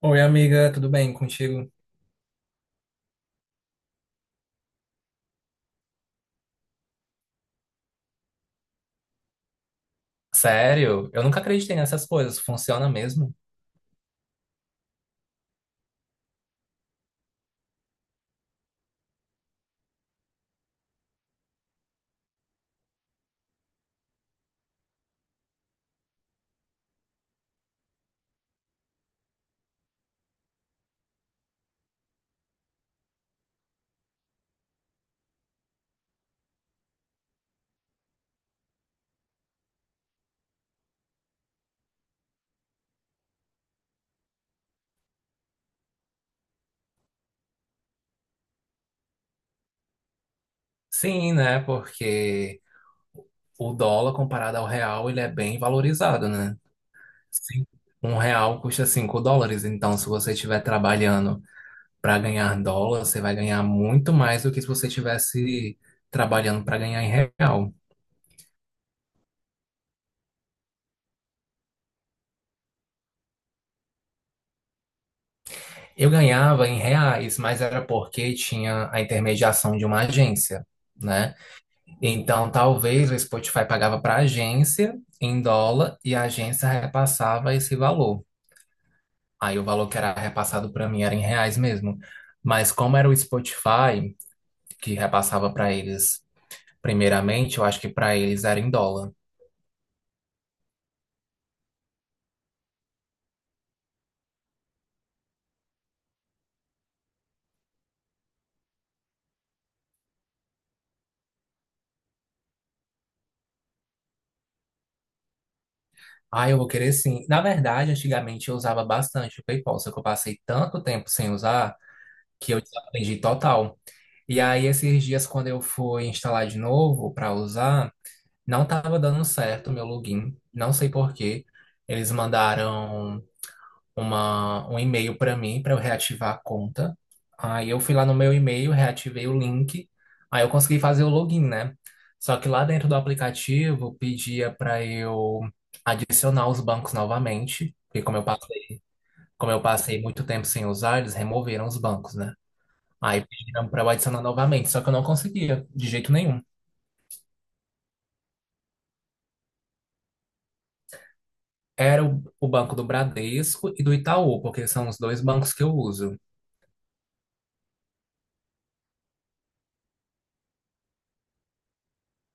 Oi, amiga, tudo bem contigo? Sério? Eu nunca acreditei nessas coisas. Funciona mesmo? Sim, né? Porque o dólar comparado ao real, ele é bem valorizado, né? Sim. Um real custa 5 dólares. Então, se você estiver trabalhando para ganhar dólar, você vai ganhar muito mais do que se você estivesse trabalhando para ganhar em real. Eu ganhava em reais, mas era porque tinha a intermediação de uma agência, né? Então, talvez o Spotify pagava para a agência em dólar e a agência repassava esse valor. Aí o valor que era repassado para mim era em reais mesmo. Mas como era o Spotify que repassava para eles primeiramente, eu acho que para eles era em dólar. Ah, eu vou querer sim. Na verdade, antigamente eu usava bastante o PayPal, só que eu passei tanto tempo sem usar que eu desaprendi total. E aí, esses dias, quando eu fui instalar de novo para usar, não estava dando certo o meu login, não sei por quê. Eles mandaram um e-mail para mim para eu reativar a conta. Aí eu fui lá no meu e-mail, reativei o link, aí eu consegui fazer o login, né? Só que lá dentro do aplicativo pedia para eu adicionar os bancos novamente, porque como eu passei muito tempo sem usar, eles removeram os bancos, né? Aí pediram para eu adicionar novamente, só que eu não conseguia de jeito nenhum. Era o banco do Bradesco e do Itaú, porque são os dois bancos que eu uso.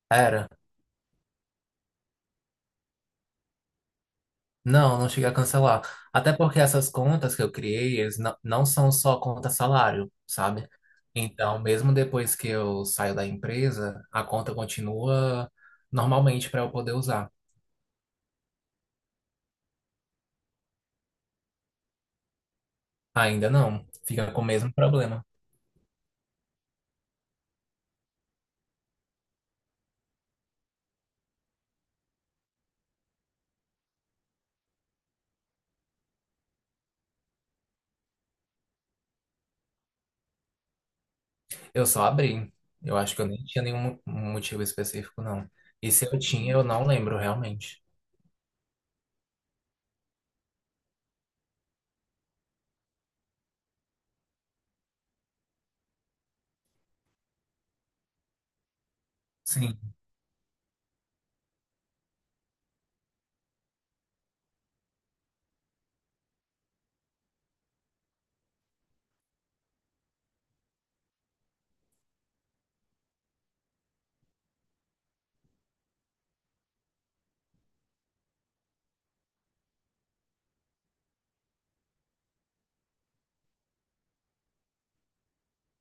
Era. Não, não cheguei a cancelar. Até porque essas contas que eu criei, eles não, não são só conta salário, sabe? Então, mesmo depois que eu saio da empresa, a conta continua normalmente para eu poder usar. Ainda não. Fica com o mesmo problema. Eu só abri. Eu acho que eu nem tinha nenhum motivo específico, não. E se eu tinha, eu não lembro realmente. Sim.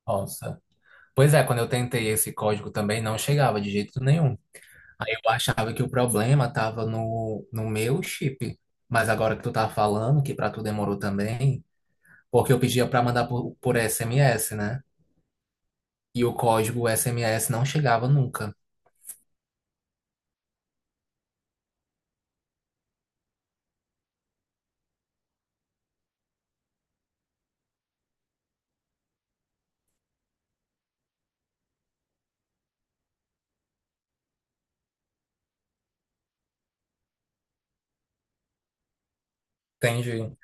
Nossa. Pois é, quando eu tentei esse código também não chegava de jeito nenhum. Aí eu achava que o problema estava no meu chip. Mas agora que tu tá falando que para tu demorou também, porque eu pedia para mandar por SMS, né? E o código SMS não chegava nunca. Entendi.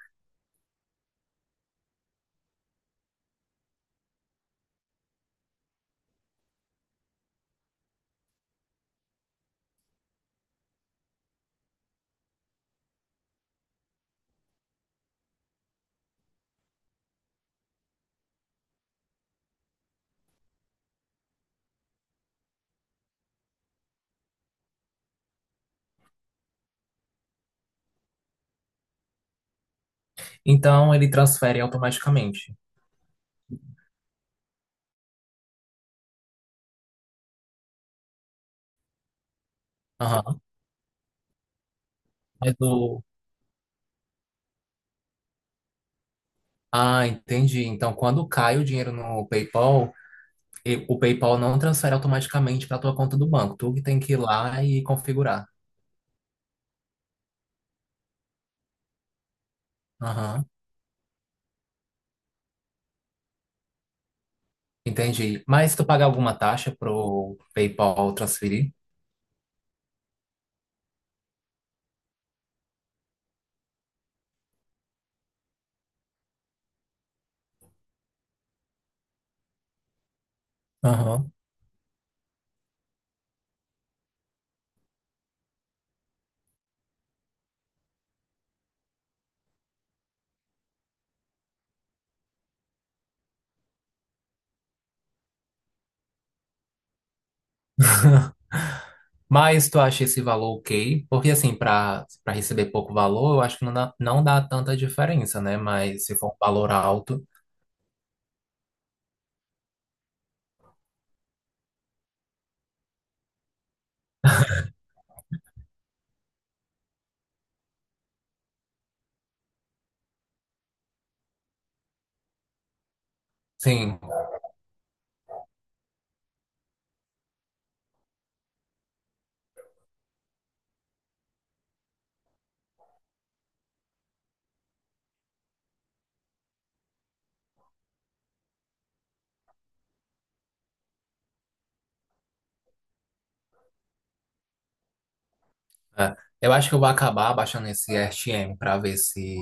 Então ele transfere automaticamente. Aham. Mas o... Ah, entendi. Então quando cai o dinheiro no PayPal, e- o PayPal não transfere automaticamente para tua conta do banco. Tu que tem que ir lá e configurar. Aham. Entendi. Mas tu paga alguma taxa pro PayPal transferir? Aham. Mas tu acha esse valor ok? Porque assim, para receber pouco valor, eu acho que não dá tanta diferença, né? Mas se for um valor alto, sim. É. Eu acho que eu vou acabar baixando esse RTM para ver se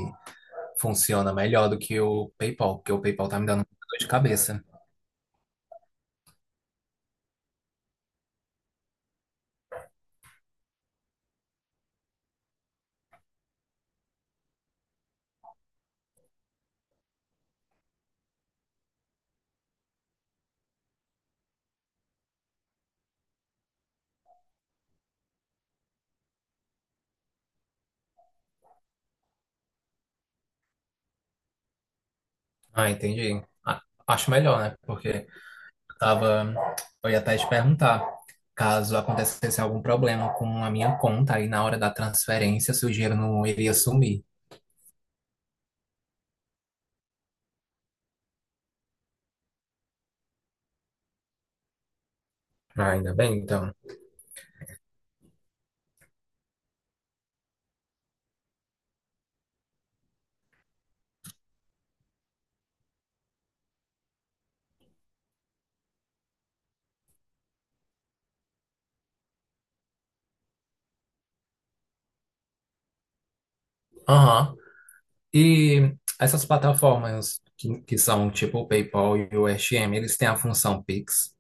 funciona melhor do que o PayPal, porque o PayPal tá me dando muita dor de cabeça. Ah, entendi. Ah, acho melhor, né? Porque tava, eu ia até te perguntar, caso acontecesse algum problema com a minha conta aí na hora da transferência, se o dinheiro não iria sumir. Ah, ainda bem, então. Aham. E essas plataformas que são tipo o PayPal e o S M, eles têm a função Pix?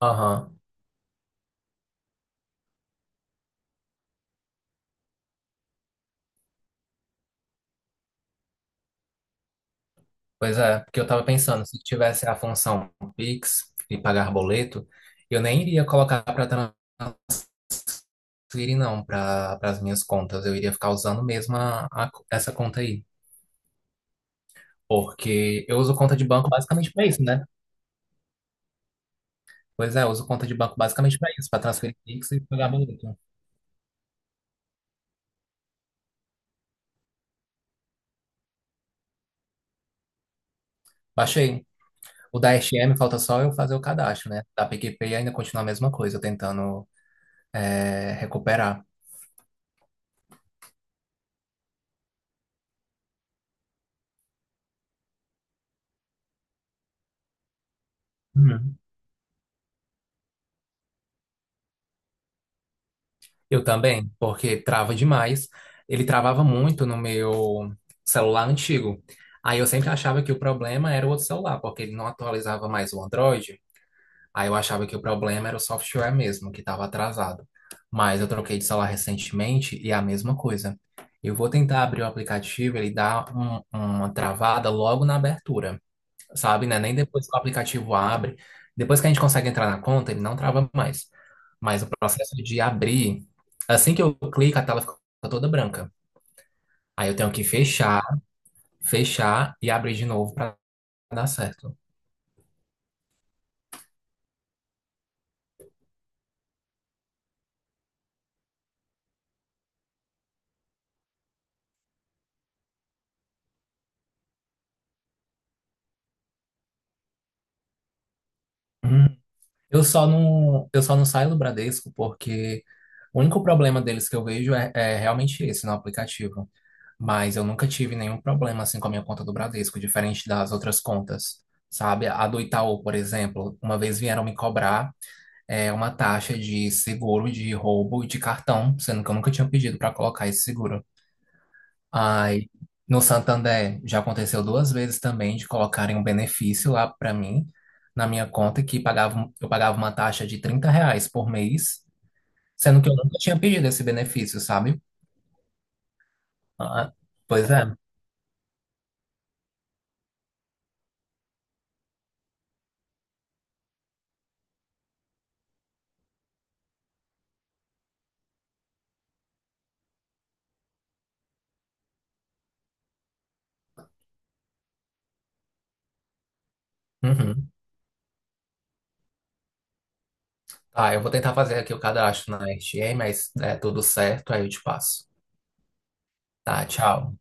Aham. Pois é, porque eu tava pensando, se tivesse a função Pix e pagar boleto, eu nem iria colocar para transferir, não, para as minhas contas. Eu iria ficar usando mesmo essa conta aí. Porque eu uso conta de banco basicamente para isso, né? Pois é, eu uso conta de banco basicamente para isso, para transferir Pix e pagar boleto. Baixei. O da S M, falta só eu fazer o cadastro, né? Da PicPay ainda continua a mesma coisa, tentando recuperar. Uhum. Eu também, porque trava demais. Ele travava muito no meu celular antigo. Aí eu sempre achava que o problema era o outro celular, porque ele não atualizava mais o Android. Aí eu achava que o problema era o software mesmo, que estava atrasado. Mas eu troquei de celular recentemente e é a mesma coisa. Eu vou tentar abrir o aplicativo, ele dá uma travada logo na abertura, sabe, né? Nem depois que o aplicativo abre. Depois que a gente consegue entrar na conta, ele não trava mais. Mas o processo de abrir, assim que eu clico, a tela fica toda branca. Aí eu tenho que fechar e abrir de novo para dar certo. Eu só não saio do Bradesco porque o único problema deles que eu vejo é realmente esse no aplicativo. Mas eu nunca tive nenhum problema assim com a minha conta do Bradesco, diferente das outras contas, sabe? A do Itaú, por exemplo, uma vez vieram me cobrar uma taxa de seguro de roubo de cartão, sendo que eu nunca tinha pedido para colocar esse seguro. Aí, no Santander já aconteceu duas vezes também de colocarem um benefício lá para mim, na minha conta, que pagava, eu pagava uma taxa de 30 reais por mês, sendo que eu nunca tinha pedido esse benefício, sabe? Ah, pois é. Uhum. Tá, eu vou tentar fazer aqui o cadastro na RTA, mas é tudo certo, aí eu te passo. Tá, tchau.